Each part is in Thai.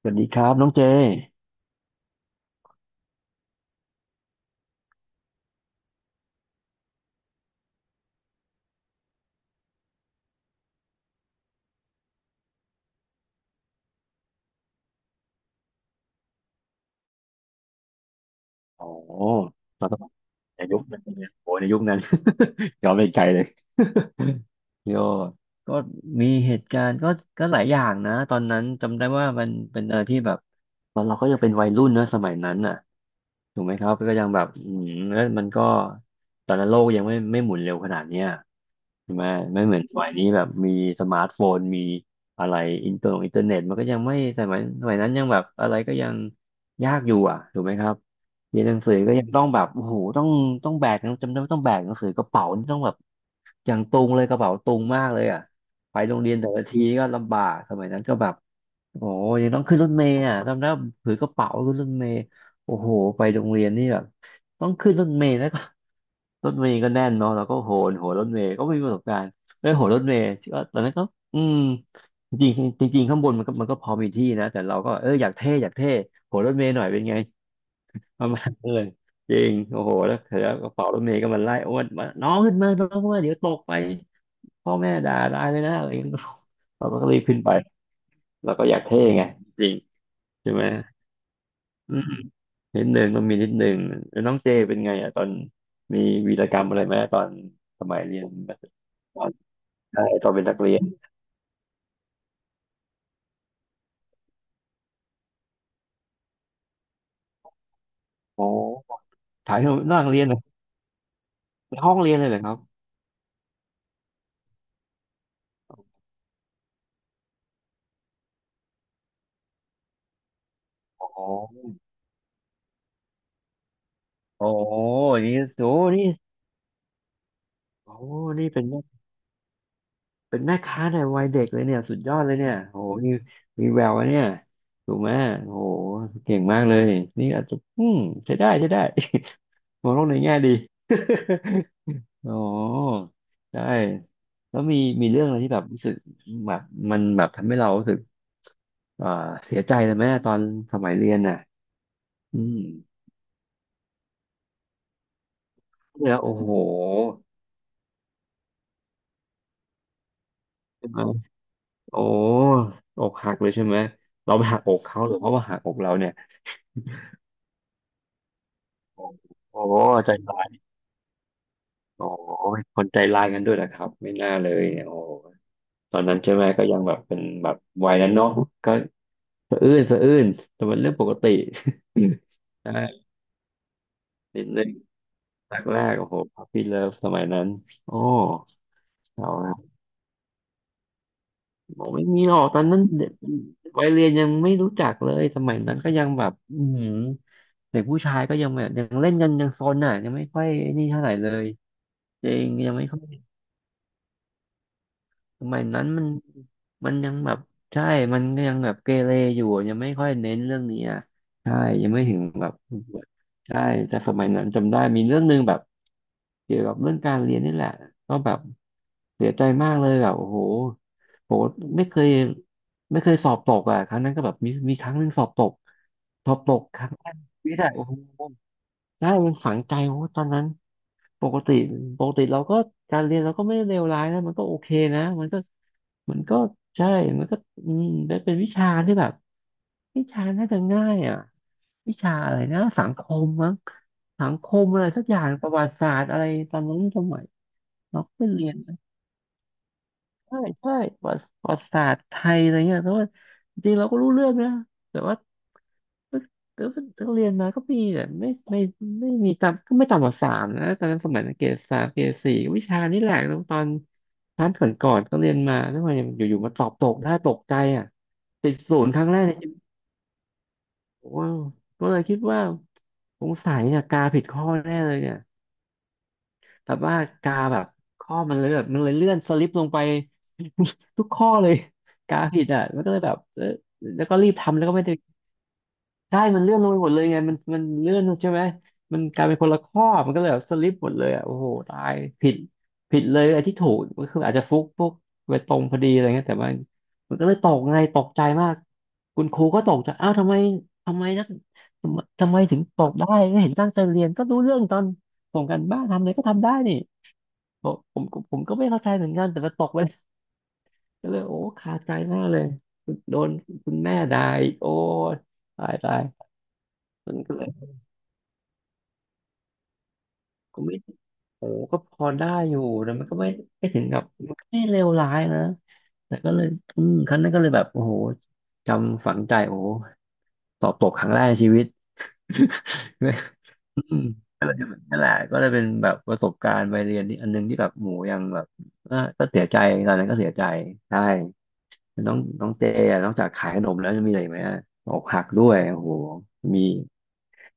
สวัสดีครับน้องเจโอ้เรา ในยุคนั้นเนี่ยโอ้ในยุคนั้น ย้อนไปไกลเลย โยก็มีเหตุการณ์ก็หลายอย่างนะตอนนั้นจำได้ว่ามันเป็นอะไรที่แบบตอนเราก็ยังเป็นวัยรุ่นนะสมัยนั้นน่ะถูกไหมครับก็ยังแบบอืมแล้วมันก็ตอนนั้นโลกยังไม่หมุนเร็วขนาดเนี้ยใช่ไหมไม่เหมือนสมัยนี้แบบมีสมาร์ทโฟนมีอะไรอินเทอร์เน็ตมันก็ยังไม่สมัยนั้นยังแบบอะไรก็ยังยากอยู่อ่ะถูกไหมครับ เรียนหนังสือก็ยังต้องแบบโอ้โหต้องแบกหนังจำได้ว่าต้องแบกหนังสือกระเป๋านี่ต้องแบบอย่างตุงเลยกระเป๋าตุงมากเลยอ่ะไปโรงเรียนแต่ละทีก็ลำบากสมัยนั้นก็แบบโอ้โหยังต้องขึ้นรถเมล์อ่ะจำได้ว่าถือกระเป๋าขึ้นรถเมล์โอ้โหไปโรงเรียนนี่แบบต้องขึ้นรถเมล์แล้วก็ รถเมล์ก็แน่นเนาะแล้วก็โหนรถเมล์ก็ไม่มีประสบการณ์ไม่โหนรถเมล์ก็ตอนนั้นก็อืมจริงๆจริงๆข้างบนมันก็พอมีที่นะแต่เราก็เอออยากเท่โหนรถเมล์หน่อยเป็นไง ประมาณนั้นเลยจริงโอ้โหแล้วเสร็จแล้วกระเป๋ารถเมล์ก็มันไล่อ้วนมาน้องขึ้นมาน้องขึ้นมาเดี๋ยวตกไปพ่อแม่ด่าตายเลยนะอะไรอย่างเงี้ยเราก็รีบขึ้นไปแล้วก็อยากเท่ไงจริงใช่ไหมอืมนิดนึงต้องมีนิดนึงแล้วน้องเจเป็นไงอ่ะตอนมีวีรกรรมอะไรไหมตอนสมัยเรียนมัธยมตอนใช่ตอนเป็นนักเรียนโอ้ถ่ายรูปหน้าโรงเรียนเหรอในห้องเรียนเลยเหรอครับโอ้โหโอ้โหนี่โอ้นี่โอ้โหนี่เป็น เป็นแม่ค้าในวัยเด็กเลยเนี่ยสุดยอดเลยเนี่ยโหมีแวววะเนี่ยถูกไหมโหเก่งมากเลยนี่อาจจะอืมใช้ได้ใช้ได้ มองโลกในแง่ดีอ๋อใช่แล้วมีเรื่องอะไรที่แบบรู้สึกแบบมันแบบทำให้เรารู้สึกเอ่อเสียใจเลยไหมตอนสมัยเรียนน่ะอืมเนี่ยโอ้โหใช่ไหมโอ้อกหักเลยใช่ไหมเราไปหักอกเขาหรือเขาว่าหักอกเราเนี่ยโอ้โหใจร้าย โอ้ยคนใจร้ายกันด้วยนะครับไม่น่าเลยเนี่ยโอ้ตอนนั้นใช่ไหมก็ยังแบบเป็นแบบวัยนั้นเนาะก็สะอื้นสะอื้นแต่มันเรื่องปกติ ใช่นิดนึงแรกแรกโอ้โหพัฟฟี่เลิฟสมัยนั้นโอ้เอาละบอกไม่มีหรอกตอนนั้นเด็กวัยเรียนยังไม่รู้จักเลยสมัยนั้นก็ยังแบบอือหือเด็กผู้ชายก็ยังแบบยังเล่นกันยังซนอ่ะยังไม่ค่อยนี่เท่าไหร่เลยจริงยังไม่ค่อย สมัยนั้นมันยังแบบใช่มันก็ยังแบบเกเรอยู่ยังไม่ค่อยเน้นเรื่องนี้อ่ะใช่ยังไม่ถึงแบบใช่แต่สมัยนั้นจำได้มีเรื่องหนึงแบบเกี่ยวกับเรื่องการเรียนนี่แหละก็แบบเสียใจมากเลยแบบโอ้โหโหไม่เคยสอบตกอ่ะครั้งนั้นก็แบบมีครั้งหนึงสอบตกสอบตกครั้งแรกในชีวิตอะโอ้โห ใช่มันฝังใจโอ้ตอนนั้นปกติเราก็การเรียนเราก็ไม่ได้เลวร้ายนะ มันก็โอเคนะมันก็มันก็ใช่ มันก็อืมได้เป็นวิชาที่แบบวิชาน่าจะง่ายอ่ะวิชาอะไรนะสังคมมั้งสังคมอะไรสักอย่างประวัติศาสตร์อะไรตอนนั้นสมัยเราก็ไปเรียน ใช่ใช่ประวัติศาสตร์ไทยอะไรเงี้ยแต่ว่าจริงๆเราก็รู้เรื่องนะแต่ว่าแต่ว่าแต่ว่าเรียนมาก็มีแต่ไม่ไม่มีต่ำก็ไม่ต่ำกว่าสามนะตอนนั้นสมัยเกรดสามเกรดสี่วิชานี่แหละแล้วตอนชั้นก่อนก็เรียนมาแล้วมันอยู่ๆมาสอบตกได้ตกใจอ่ะติดศูนย์ครั้งแรกในชีวิตโอ้โหก็เลยคิดว่าสงสัยเนี่ยกาผิดข้อแน่เลยเนี่ย แบบว่ากาแบบข้อมันเลยแบบมันเลยเลื่อนสลิปลงไป ทุกข้อเลยกาผิดอ่ะมันก็เลยแบบเออแล้วก็รีบทำแล้วก็ไม่ได้ใช่มันเลื่อนลงไปหมดเลยไงมันเลื่อนใช่ไหมมันกลายเป็นคนละข้อมันก็เลยแบบสลิปหมดเลยอ่ะโอ้โหตายผิดเลยไอ้ที่ถูกก็คืออาจจะฟุกไปตรงพอดีอะไรเงี้ยแต่ว่ามันก็เลยตกไงตกใจมากคุณครูก็ตกใจอ้าวทำไมทำไมนักทำไมถึงตกได้ไม่เห็นตั้งใจเรียนก็รู้เรื่องตอนส่งกันบ้านทำอะไรก็ทำได้นี่ บอกผมก็ไม่เข้าใจเหมือนกันแต่มันตกไป ก็เลยโอ้คาใจมากเลยโดนคุณแม่ด่าอีกโอ้ยตายตายมันก็เลยก็ไม่โอ้ก็พอได้อยู่แต่มันก็ไม่ถึงกับมันก็ไม่เลวร้ายนะแต่ก็เลยอืมครั้งนั้นก็เลยแบบโอ้โหจำฝังใจโอ้โหสอบตกครั้งแรกในชีวิต อืมนั่นแหละก็เลยเป็นแบบประสบการณ์ไปเรียนนี่อันนึงที่แบบหมูยังแบบอ่ะก็เสียใจตอนนั้นก็เสียใจใช่ น้องน้องเจอ่ะนอกจากขายขนมแล้วจะมีอะไรอีกไหมอะอกหักด้วยโอ้โหมี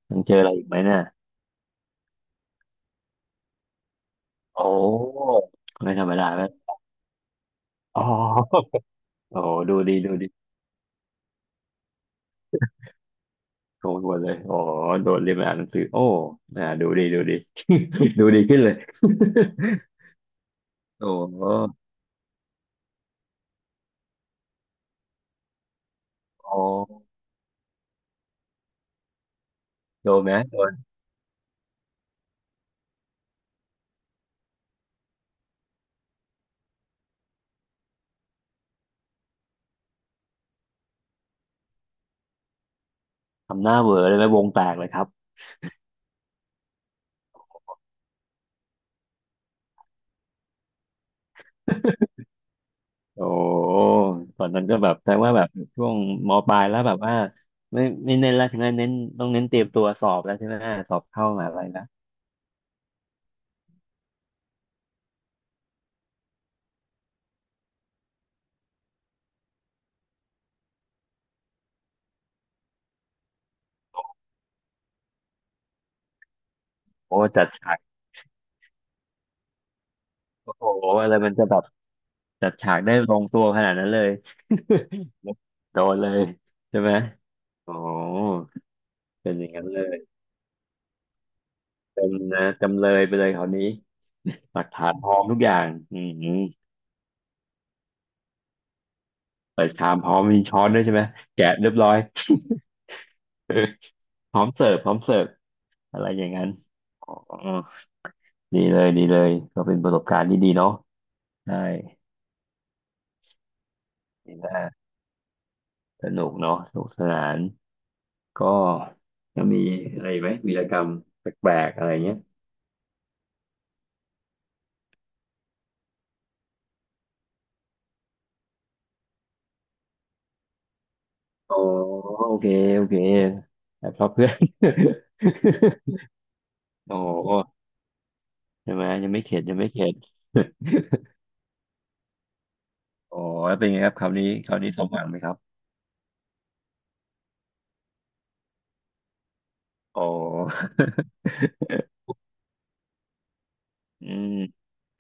ยังเจออะไรอีกไหมเนี่ยโอ้ไม่ธรรมดาแล้วอ๋อโอ้โหดูดีโชวหมดเลย โอ้โหโดนเรียนมาอ่านหนังสือโอ้ดูดี ดูดีขึ้นเลย โอ้โหอ๋อโดนไหมโดนทำหน้าเหวอเลยไหมวงแตกเลยครับ โอ้ตอนนั้นก็แบบแปลว่าแบบช่วงมปลายแล้วแบบว่าไม่ไม่เน้นแล้วถึงนั้นเน้นต้องเน้นเตรียมตัวสอบแล้วใช่ไหมสอบเข้ามหาอะไรนะโอ้จัดฉากโอ้โหอะไรมันจะแบบจัดฉากได้ลงตัวขนาดนั้นเลย โดนเลยใช่ไหมโอ้เป็นอย่างนั้นเลยเป็นนะจำเลยไปเลยคราวนี้หลักฐานพร้อมทุกอย่างอืมใส่ชามพร้อมมีช้อนด้วยใช่ไหมแกะเรียบร้อย พร้อมเสิร์ฟอะไรอย่างนั้นอ๋อ ดีเลยก็เป็นประสบการณ์ที่ดีเนาะใช่ดีมากสนุกเนาะสนุกสนานก็ยังมีอะไรอีกไหมวีรกรรมแปลกๆอะไรเงี้ยอ๋อโอเคโอเคแต่เพราะเพื่อน โอ้โหใช่ไหมยังไม่เข็ด อ๋อแล้วเป็นไงครับคราวนี้สมหวังไหมครับอ๋อ อืม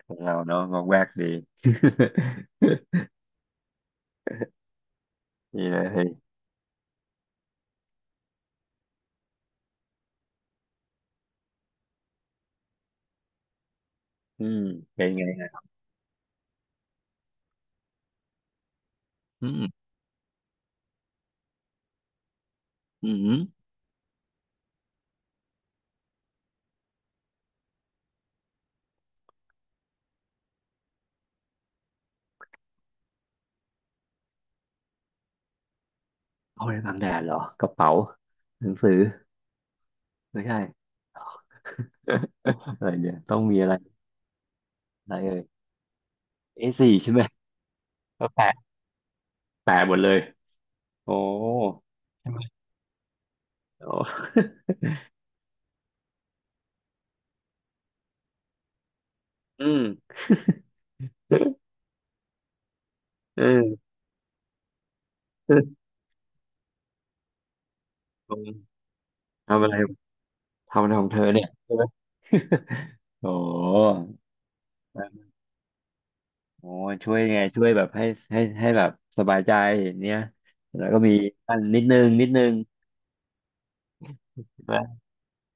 ของเราเนาะงอกแวกดี ดีเลยอืมเป็นไงฮะอืมอืม เอาไว้บังแดดเหรอกระเป๋าหนังสือไม่ใช่ อะไรเนี่ยต้องมีอะไรอะไรเอ่ยเอสี่ใช่ไหมก็แปะแปะหมดเลยโอ้ใช่ไหมโอ้ อืมเออ ทำอะไรทำอะไรของเธอเนี่ยใช่ไหม โอ้โอ้ช่วยไงช่วยแบบให้ให้แบบสบายใจเนี่ยแล้วก็มีอันนิดนึงใช่ไหม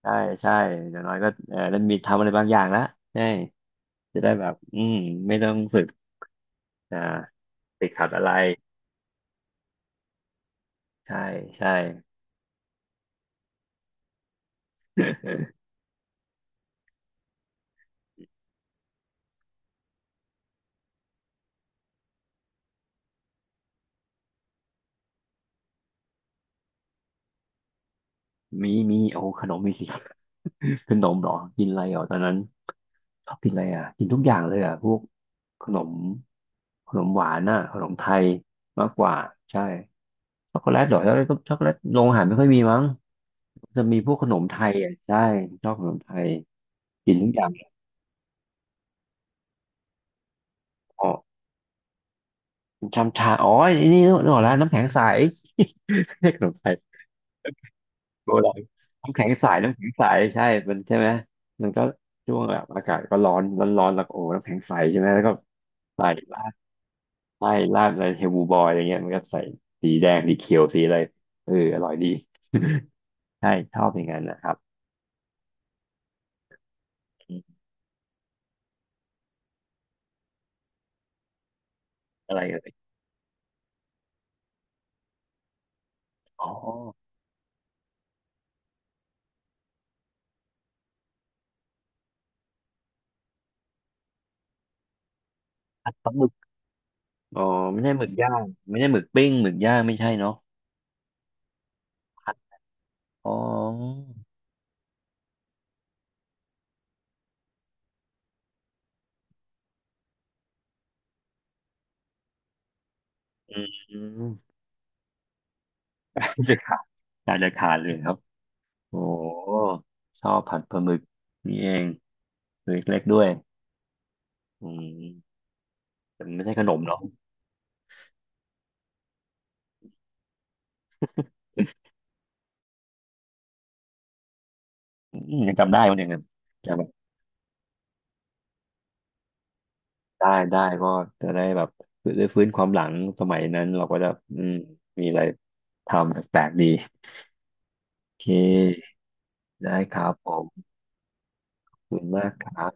ใช่ใช่อย่างน้อยก็เออได้มีทำอะไรบางอย่างละใช่จะได้แบบอืมไม่ต้องฝึกอ่าติดขัดอะไรใช่ใช่ มีโอ้ขนมมีสิ ขนมเหรอกินอะไรเหรอตอนนั้นชอบกินอะไรอ่ะกินทุกอย่างเลยอ่ะพวกขนมหวานอ่ะขนมไทยมากกว่าใช่ช็อกโกแลตเหรอช็อกโกแลตก็ช็อกโกแลตโรงอาหารไม่ค่อยมีมั้งจะมีพวกขนมไทยอ่ะใช่ชอบขนมไทยกินทุกอย่าง ชามชาอ๋อไอ้นี่นึกออกแล้วน้ำแข็งใส เรียกขนมไทยโบราณน้ำแข็งใสใช่มันใช่ไหมมันก็ช่วงแบบอากาศก็ร้อนแล้วก็โอ้น้ำแข็งใสใช่ไหมแล้วก็ใส่ราดใส่ราดอะไรเฮลบูบอยอะไรเงี้ยมันก็ใส่สีแดงสีเขียวสีอะไรเอออร่อยดี ใช่ชอบอย่างนั้นนะครับอมอะไรอะ่รอ๋อผัดปลาหมึกอ๋อไม่ใช่หมึกย่าง ไม่ใช่หมึกปิ้งหมึกย่างไม่ใช่เนาะผัดอ๋ออืม จะขาดน่าจะขาดเลยครับ โอ้ชอบผัดปลาหมึกนี่เองตัวเล็กๆด้วยอืมแต่มันไม่ใช่ขนมเนาะอืมยังจำได้วันอย่างนั้นจำแบบได้ก็จะได้แบบได้ฟื้นความหลังสมัยนั้นเราก็จะอืมมีอะไรทำแปลกๆดีโอเคได้ครับผมขอบคุณมากครับ